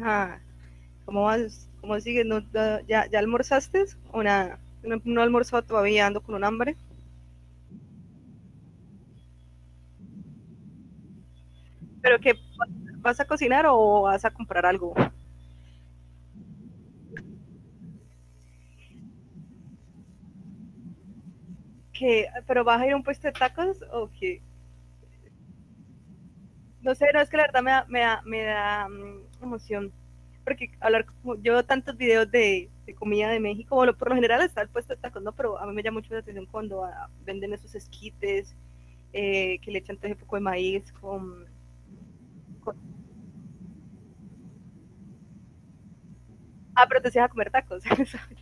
Ajá. ¿Cómo vas? ¿Cómo sigues? ¿Ya almorzaste o nada? No, no he almorzado todavía, ando con un hambre. ¿Pero qué? ¿Vas a cocinar o vas a comprar algo? ¿Qué? ¿Pero vas a ir a un puesto de tacos o qué? No sé, no, es que la verdad me da emoción. Porque yo veo tantos videos de comida de México, bueno, por lo general está el puesto de tacos, ¿no? Pero a mí me llama mucho la atención cuando venden esos esquites, que le echan todo ese poco de maíz con- Ah, pero te decías a comer tacos.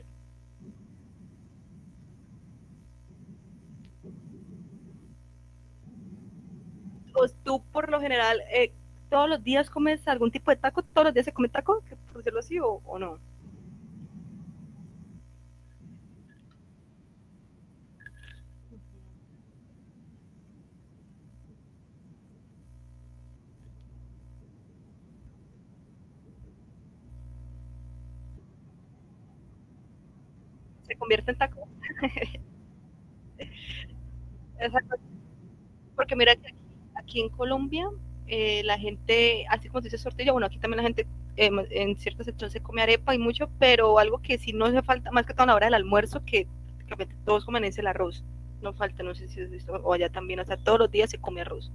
Pues, tú por lo general todos los días comes algún tipo de taco, todos los días se come taco, por decirlo así, o no, se convierte en taco. Exacto, porque mira que aquí en Colombia la gente, así como se dice tortilla, bueno, aquí también la gente en cierta sección se come arepa y mucho, pero algo que sí no hace falta, más que todo a la hora del almuerzo, que prácticamente todos comen es el arroz. No falta, no sé si es visto, o allá también, o sea, todos los días se come arroz.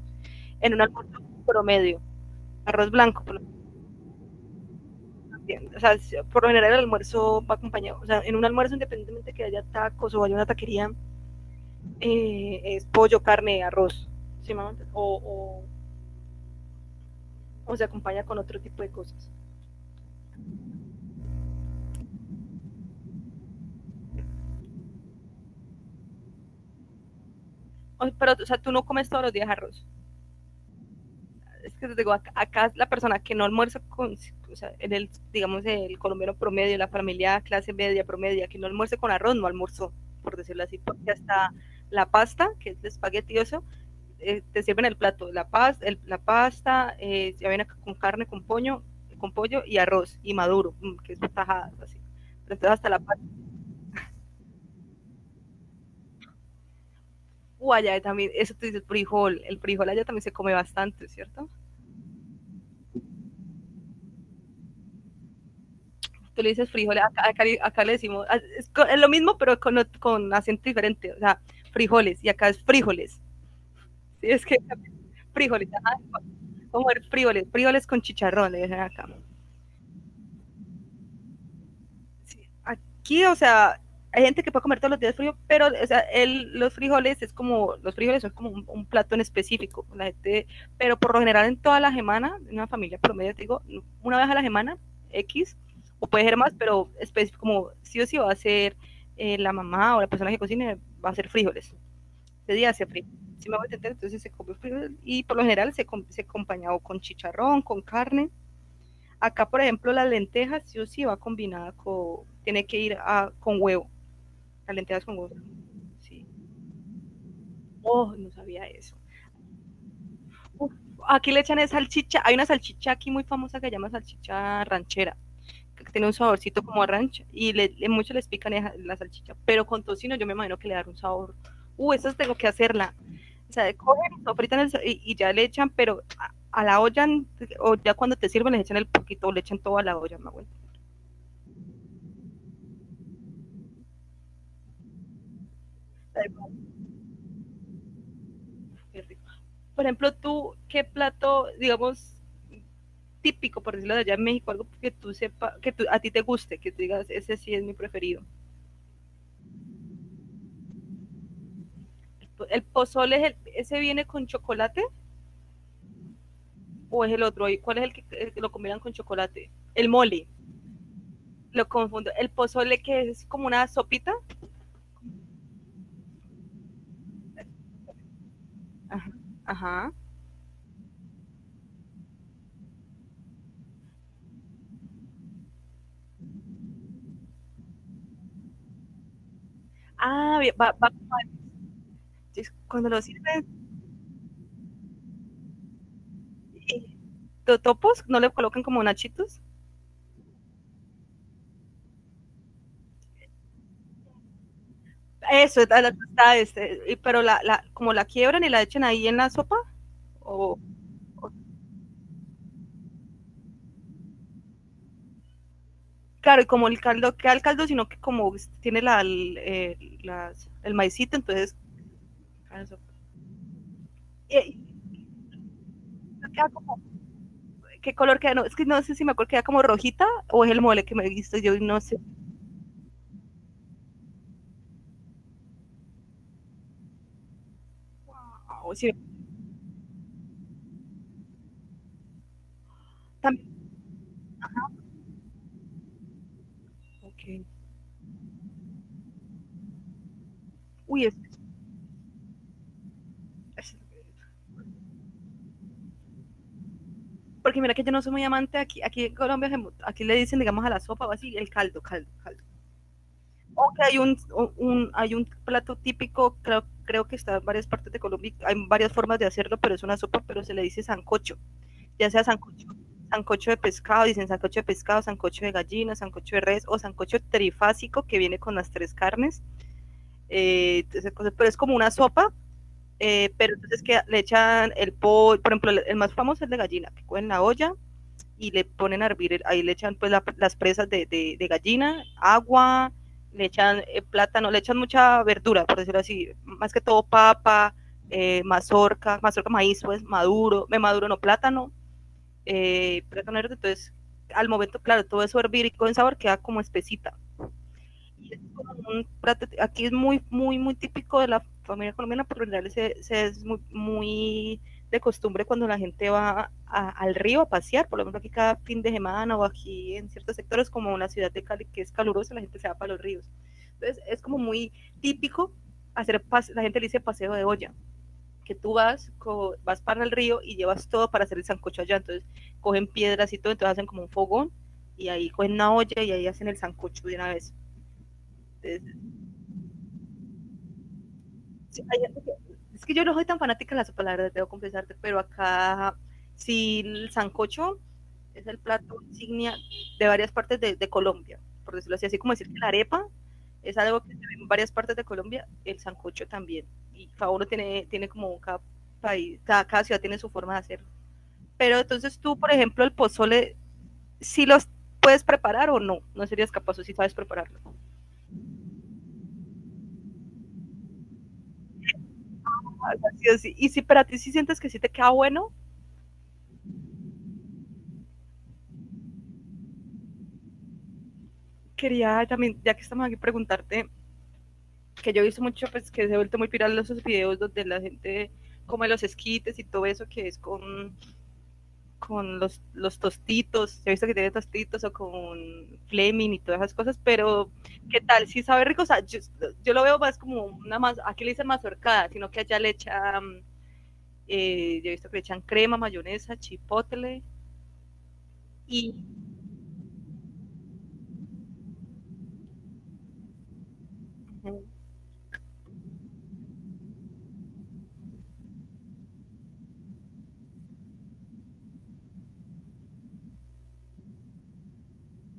En un almuerzo promedio, arroz blanco, por o sea, por lo general el almuerzo va acompañado, o sea, en un almuerzo independientemente que haya tacos o haya una taquería, es pollo, carne, arroz, ¿sí, mamá? O se acompaña con otro tipo de cosas. O, pero, o sea, tú no comes todos los días arroz. Es que te digo, acá, la persona que no almuerza con, o sea, digamos, el colombiano promedio, la familia clase media promedia, que no almuerce con arroz, no almuerzo, por decirlo así, porque hasta la pasta, que es de espagueti, te sirven el plato, la pasta, ya viene con carne, con pollo y arroz y maduro, que es tajadas así. Pero entonces hasta la pasta, allá también, eso tú dices frijol, el frijol allá también se come bastante, ¿cierto? Tú le dices frijol, acá le decimos, lo mismo pero con acento diferente, o sea, frijoles y acá es frijoles, ¿sí? Es que frijoles, ajá, como el frijoles con chicharrón, le dicen acá. Sí. Aquí, o sea, hay gente que puede comer todos los días frío, pero o sea, los frijoles es como, los frijoles son como un plato en específico. La gente, pero por lo general en toda la semana, en una familia promedio, te digo, una vez a la semana, X, o puede ser más, pero específico como sí o sí va a ser la mamá o la persona que cocine, va a ser frijoles. De día hacia frío. Si me voy a entender, entonces se come frijoles y por lo general se acompaña o con chicharrón, con carne. Acá, por ejemplo, las lentejas sí o sí va combinada con, tiene que ir a, con huevo, las lentejas con huevo. Sí. Oh, no sabía eso. Uf, aquí le echan es salchicha, hay una salchicha aquí muy famosa que se llama salchicha ranchera, que tiene un saborcito como a rancho, y muchos les pican la salchicha, pero con tocino yo me imagino que le dará un sabor. Eso tengo que hacerla. O sea, cogen, sofritan y ya le echan, pero a la olla, o ya cuando te sirven, les echan el poquito, o le echan todo a la olla, me acuerdo. Qué rico. Por ejemplo, tú, ¿qué plato, digamos, típico, por decirlo de allá en México, algo que tú sepa, a ti te guste, que tú digas, ese sí es mi preferido? ¿El pozole es ese viene con chocolate o es el otro? ¿Cuál es el que lo combinan con chocolate? El mole, lo confundo. El pozole que es como una sopita. Ajá. Ajá. Ah, bien, va, va. Cuando lo sirven sí. Topos, no le colocan como nachitos. Eso, la tostada, pero la como la quiebran y la echan ahí en la sopa o. Claro, y como el caldo queda el caldo, sino que como tiene el maicito, entonces. eh, queda como- ¿Qué color queda? No, es que no sé si me acuerdo, queda como rojita o es el mole que me he visto. Yo no sé. O si- también- okay. Uy, es- porque mira que yo no soy muy amante aquí en Colombia, aquí le dicen, digamos, a la sopa o así, el caldo, caldo, caldo. O que hay un plato típico, creo que está en varias partes de Colombia, hay varias formas de hacerlo, pero es una sopa, pero se le dice sancocho. Ya sea sancocho, sancocho de pescado, dicen sancocho de pescado, sancocho de gallina, sancocho de res o sancocho trifásico que viene con las tres carnes, eh, pero es como una sopa, pero entonces que le echan el pollo, por ejemplo, el más famoso es el de gallina, que cogen la olla y le ponen a hervir, ahí le echan pues la, las presas de gallina, agua, le echan plátano, le echan mucha verdura, por decirlo así, más que todo papa, mazorca maíz, pues maduro, me maduro no plátano, plátano verde, entonces al momento, claro, todo eso hervir y con sabor queda como espesita. Y es como un plato- aquí es muy, muy, muy típico de la familia colombiana, por lo general se es muy, muy de costumbre cuando la gente va al río a pasear, por lo menos aquí cada fin de semana o aquí en ciertos sectores como en la ciudad de Cali que es calurosa, la gente se va para los ríos. Entonces es como muy típico hacer, la gente le dice paseo de olla que tú vas, co vas para el río y llevas todo para hacer el sancocho allá. Entonces cogen piedras y todo, entonces hacen como un fogón y ahí cogen una olla y ahí hacen el sancocho de una vez. Entonces, sí, hay, es que yo no soy tan fanática de la sopa, la verdad, debo confesarte, pero acá sí el sancocho es el plato insignia de varias partes de Colombia, por decirlo así, así como decir que la arepa es algo que se ve en varias partes de Colombia, el sancocho también. Y cada uno tiene como cada país, cada ciudad tiene su forma de hacerlo. Pero entonces tú, por ejemplo, el pozole, si los puedes preparar o no, no serías capaz o si sí sabes prepararlo. Así, así. Y si para ti sí sientes que sí te queda bueno, quería también, ya que estamos aquí, preguntarte, que yo he visto mucho, pues que se ha vuelto muy viral esos videos donde la gente come los esquites y todo eso que es con los tostitos, he visto que tiene tostitos o con fleming y todas esas cosas, pero ¿qué tal? Si sabe rico, o sea, yo lo veo más como una más, aquí le dicen mazorcada, sino que allá le echa yo he visto que le echan crema, mayonesa, chipotle y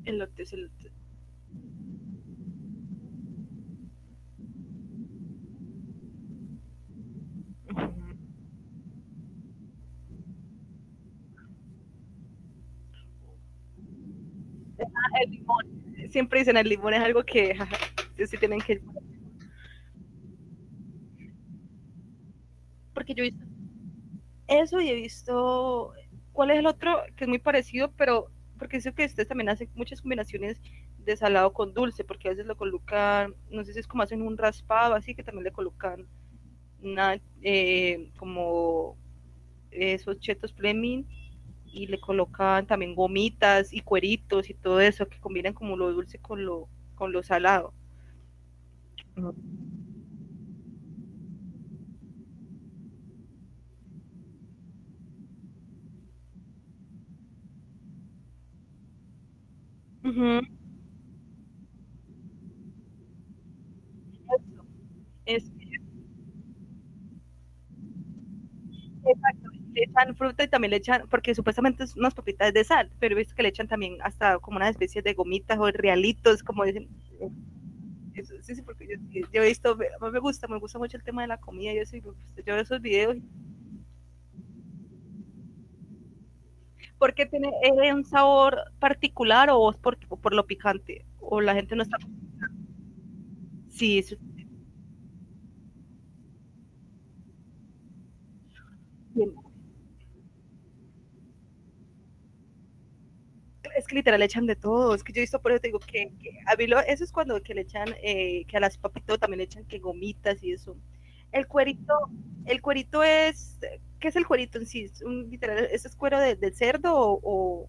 elote, elote. El limón. Siempre dicen el limón es algo que jaja, sí tienen que. Porque yo he visto eso y he visto. ¿Cuál es el otro que es muy parecido? Pero porque sé que ustedes también hacen muchas combinaciones de salado con dulce, porque a veces lo colocan, no sé si es como hacen un raspado, así que también le colocan una, como esos chetos Fleming y le colocaban también gomitas y cueritos y todo eso, que combinan como lo dulce con lo salado. Ujú, eso. Le echan fruta y también le echan, porque supuestamente es unas papitas de sal, pero he visto que le echan también hasta como una especie de gomitas o realitos, como dicen. eh, Eso, sí, sí, porque yo he visto, a mí me gusta mucho el tema de la comida, yo, sí, yo veo esos videos. Porque tiene un sabor particular o es por lo picante? O la gente no está... Sí, eso es que literal le echan de todo, es que yo he visto por eso, te digo que a mí lo- eso es cuando que le echan, que a las papitas también le echan que gomitas y eso. El cuerito, el cuerito es, ¿qué es el cuerito en sí? Un, literal, es cuero de cerdo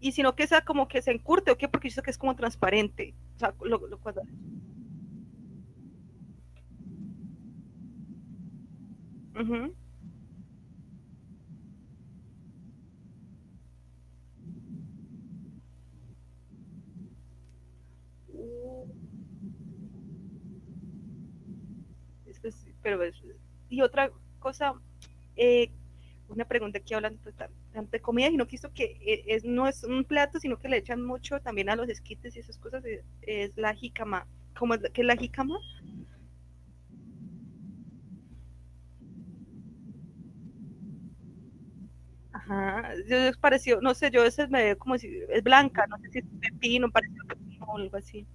y sino que sea como que se encurte o qué? Porque yo sé que es como transparente, o sea, ujú. Uh, es sí, pero y otra cosa, eh, una pregunta que hablan pues, tanto de comida, sino que esto que no es un plato, sino que le echan mucho también a los esquites y esas cosas, es la jicama. ¿Cómo es, qué es la jicama? Ajá, yo es parecido, no sé, yo a veces me veo como si es blanca, no sé si es pepino, parecido pepino o algo así.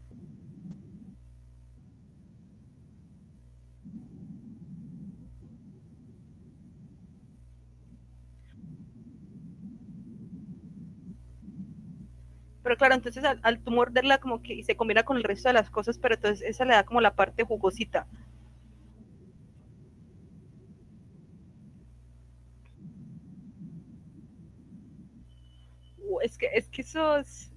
Pero claro, entonces al, al tú morderla como que y se combina con el resto de las cosas, pero entonces esa le da como la parte jugosita. Es que eso es,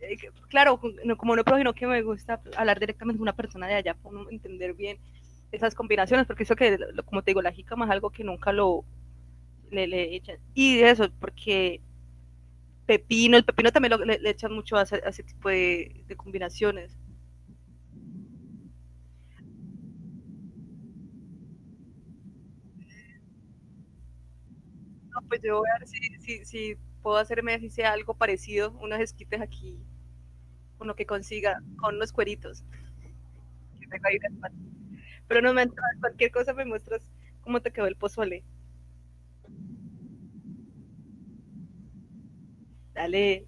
eh, claro, no, como no prójimo que me gusta hablar directamente con una persona de allá para entender bien esas combinaciones, porque eso que, como te digo, la jícama es algo que nunca le echan. Y de eso, porque pepino, el pepino también le echan mucho a ese tipo de, combinaciones. No, pues yo voy a ver si puedo hacerme así sea algo parecido, unos esquites aquí, con lo que consiga, con unos cueritos. Pero no me entras, cualquier cosa me muestras cómo te quedó el pozole. Dale,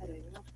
dale.